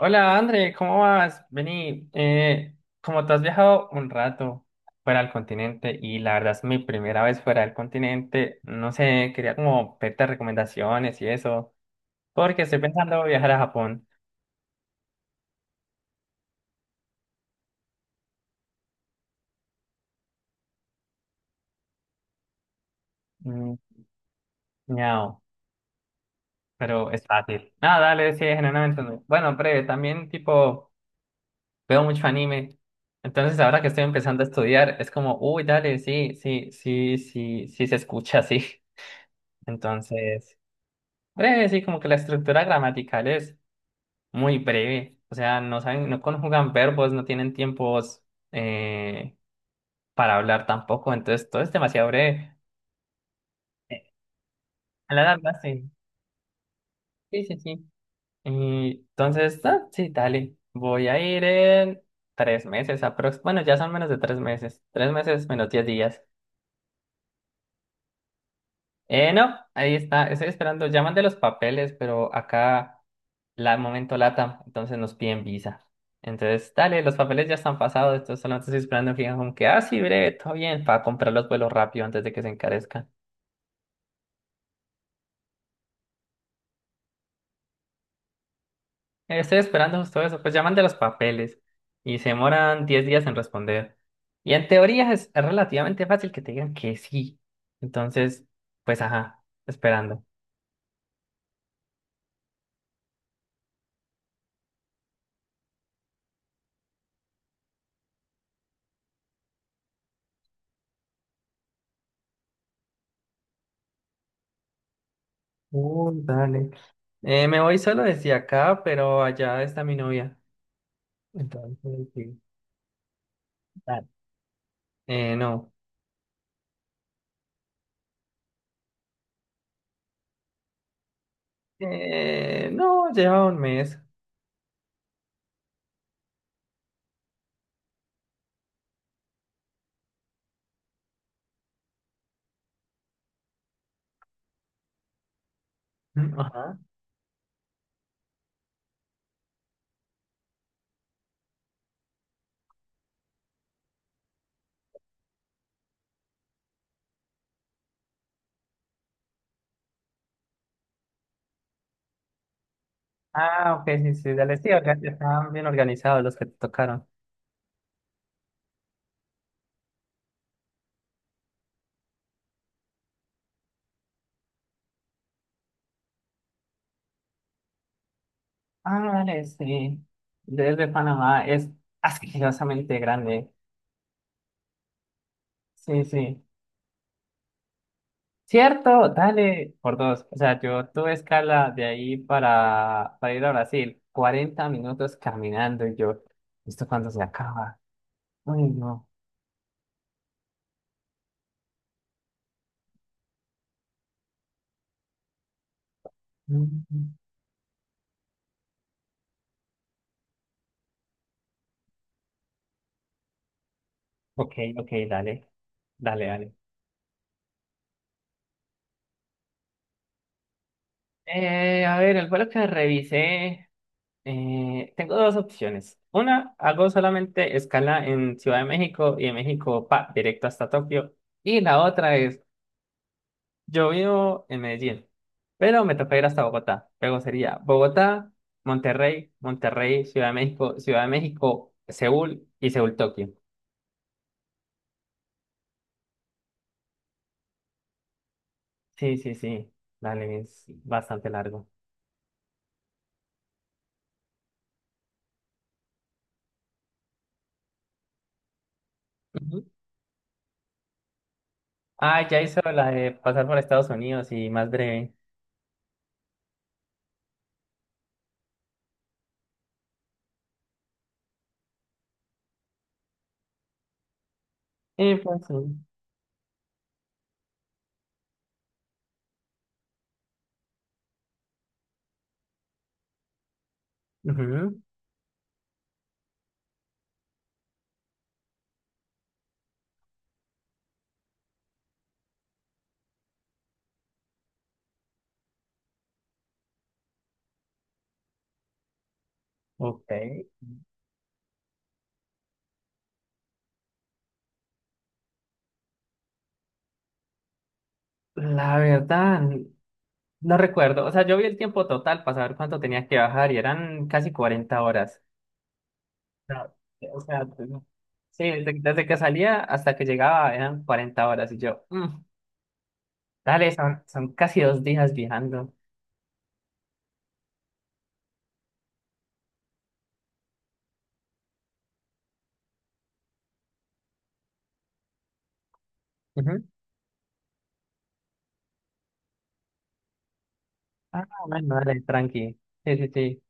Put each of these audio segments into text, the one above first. Hola, André, ¿cómo vas? Vení, como tú has viajado un rato fuera del continente y la verdad es mi primera vez fuera del continente, no sé, quería como pedirte recomendaciones y eso, porque estoy pensando viajar a Japón. Mm, miau, pero es fácil. Ah, dale, sí, generalmente no. Bueno, breve, también tipo veo mucho anime, entonces ahora que estoy empezando a estudiar es como, uy, dale, sí, sí, sí, sí, sí se escucha así. Entonces. Breve, sí, como que la estructura gramatical es muy breve. O sea, no saben, no conjugan verbos, no tienen tiempos eh, para hablar tampoco. Entonces, todo es demasiado breve. Eh, A la larga, sí. Sí, sí, sí. Y entonces, ah, sí, dale. Voy a ir en 3 meses aprox. Bueno, ya son menos de 3 meses. 3 meses menos 10 días. No, ahí está, estoy esperando. Llaman de los papeles, pero acá la momento lata, entonces nos piden visa. Entonces, dale, los papeles ya están pasados, entonces solamente estoy esperando en Fincom que, ah, sí, breve, todo bien, para comprar los vuelos rápido antes de que se encarezcan. Estoy esperando justo eso, pues llaman de los papeles y se demoran 10 días en responder. Y en teoría es, relativamente fácil que te digan que sí. Entonces, pues ajá, esperando. Dale. Me voy solo desde acá, pero allá está mi novia. Entonces, sí, dale. No. No, lleva un mes. Mm, ajá. Ah, ok, sí, sí, dale. Sí, acá estaban bien organizados los que te tocaron. Ah, no, dale, sí. Desde Panamá es asquerosamente grande. Sí, sí. Cierto, dale, por dos. O sea, yo tuve escala de ahí para ir a Brasil. 40 minutos caminando y yo, ¿esto cuando se acaba? Uy, no. Mm, mm. Ok, ok, dale. Dale, dale. A ver, el vuelo que revisé, tengo dos opciones. Una, hago solamente escala en Ciudad de México y de México pa, directo hasta Tokio. Y la otra es, yo vivo en Medellín, pero me toca ir hasta Bogotá. Luego sería Bogotá, Monterrey, Monterrey, Ciudad de México, Seúl y Seúl, Tokio. Sí, sí, sí, dale, es bastante largo. Ujú. Ah, ya hizo la de pasar por Estados Unidos y más breve. Pues sí. Ujú. Ok. La verdad, no recuerdo. O sea, yo vi el tiempo total para saber cuánto tenía que bajar y eran casi 40 horas. No, o sea, sí, desde que salía hasta que llegaba eran 40 horas y yo, "Mm, dale, son, casi 2 días viajando." Ujú. Ah, bueno, dale, tranqui. Sí, sí, sí.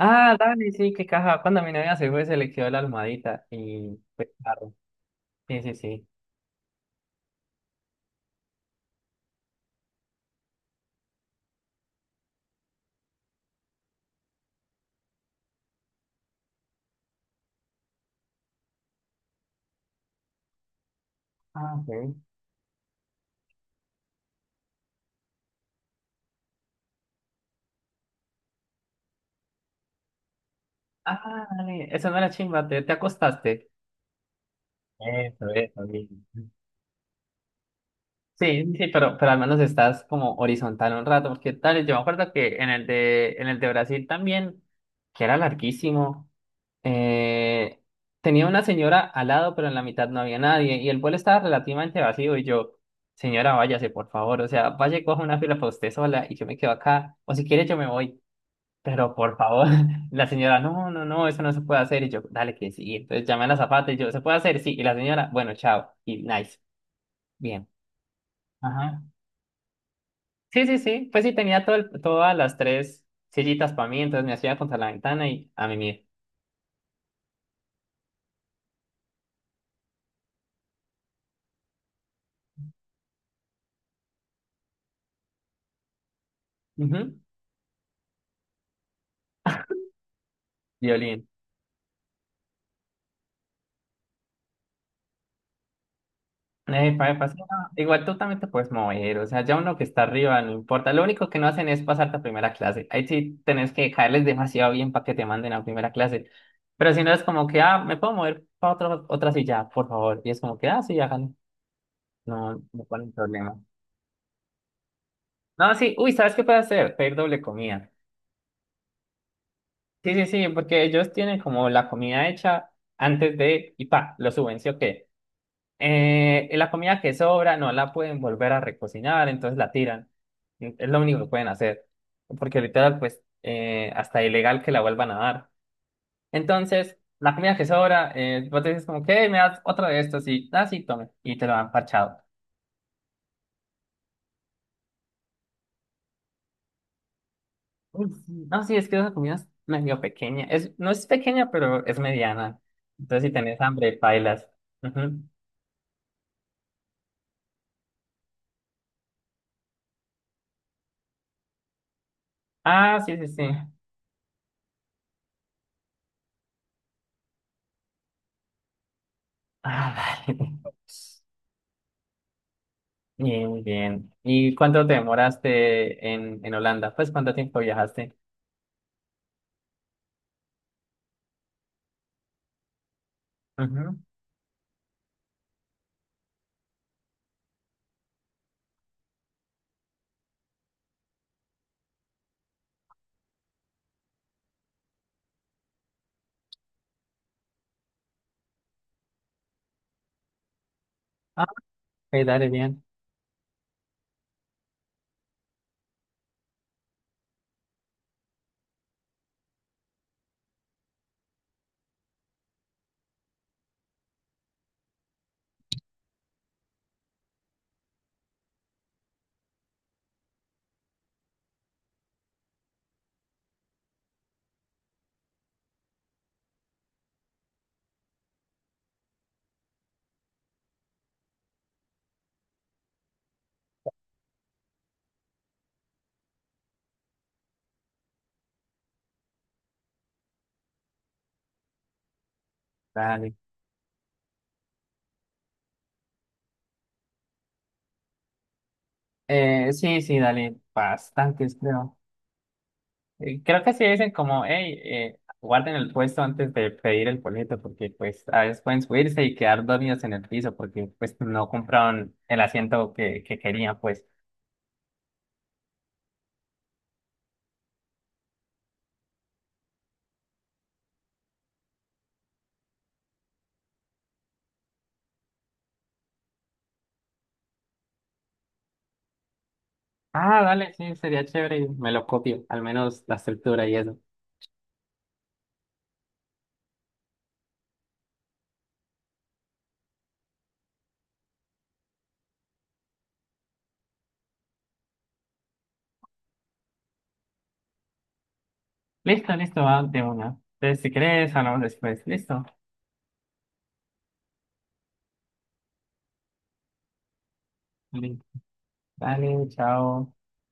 Ah, dale, sí, qué caja. Cuando mi novia se fue, se le quedó la almohadita y fue claro. Sí, sí, sí. Ah, ok. Ah, dale, eso no era chimba, te acostaste. Eso, bien. Sí, sí, pero al menos estás como horizontal un rato, porque tal, yo me acuerdo que en el de Brasil también, que era larguísimo, eh, tenía una señora al lado, pero en la mitad no había nadie, y el vuelo estaba relativamente vacío, y yo, señora, váyase, por favor, o sea, vaya y coja una fila para usted sola, y yo me quedo acá, o si quiere yo me voy, pero por favor, la señora, no, no, no, eso no se puede hacer, y yo, dale que sí, entonces llamé a la zapata, y yo, ¿se puede hacer? Sí, y la señora, bueno, chao, y nice. Bien. Ajá. Sí, sí, sí. Pues sí, tenía todas las tres sillitas para mí, entonces me hacía contra la ventana y a mí mismo. Ujú. Violín. Sí, no, igual tú también te puedes mover, o sea, ya uno que está arriba, no importa. Lo único que no hacen es pasarte a primera clase. Ahí sí tenés que caerles demasiado bien para que te manden a primera clase. Pero si no es como que, ah, me puedo mover para otra silla, por favor. Y es como que, ah, sí, háganlo. No, no ponen problema. No, sí, uy, ¿sabes qué puedes hacer? Pedir doble comida. Sí, sí, sí, porque ellos tienen como la comida hecha antes de, y pa, lo suben, ¿sí o qué? La comida que sobra no la pueden volver a recocinar, entonces la tiran. Es lo único que pueden hacer, porque literal, pues, hasta ilegal que la vuelvan a dar. Entonces, la comida que sobra, vos dices como, ¿qué? ¿Me das otra de estos? Y, ah, sí, tome, y te lo han parchado. Uy, sí. No, sí, es que esa comida es medio pequeña, es, no es pequeña, pero es mediana. Entonces, si tenés hambre, bailas. Ah, sí, sí, sí. Ah, vale. Bien, muy bien. ¿Y cuánto te demoraste en Holanda? Pues, ¿cuánto tiempo viajaste? Ujú. Ah, ok, dale, bien. Dale. Sí, sí, dale. Bastantes, creo. Creo que sí dicen como, hey, guarden el puesto antes de pedir el boleto, porque pues a veces pueden subirse y quedar dormidos en el piso, porque pues no compraron el asiento que querían, pues. Ah, dale, sí, sería chévere. Me lo copio, al menos la estructura y eso. Listo, listo, va de una. Entonces, si querés, hablamos después. Listo. Li- Dale, chao.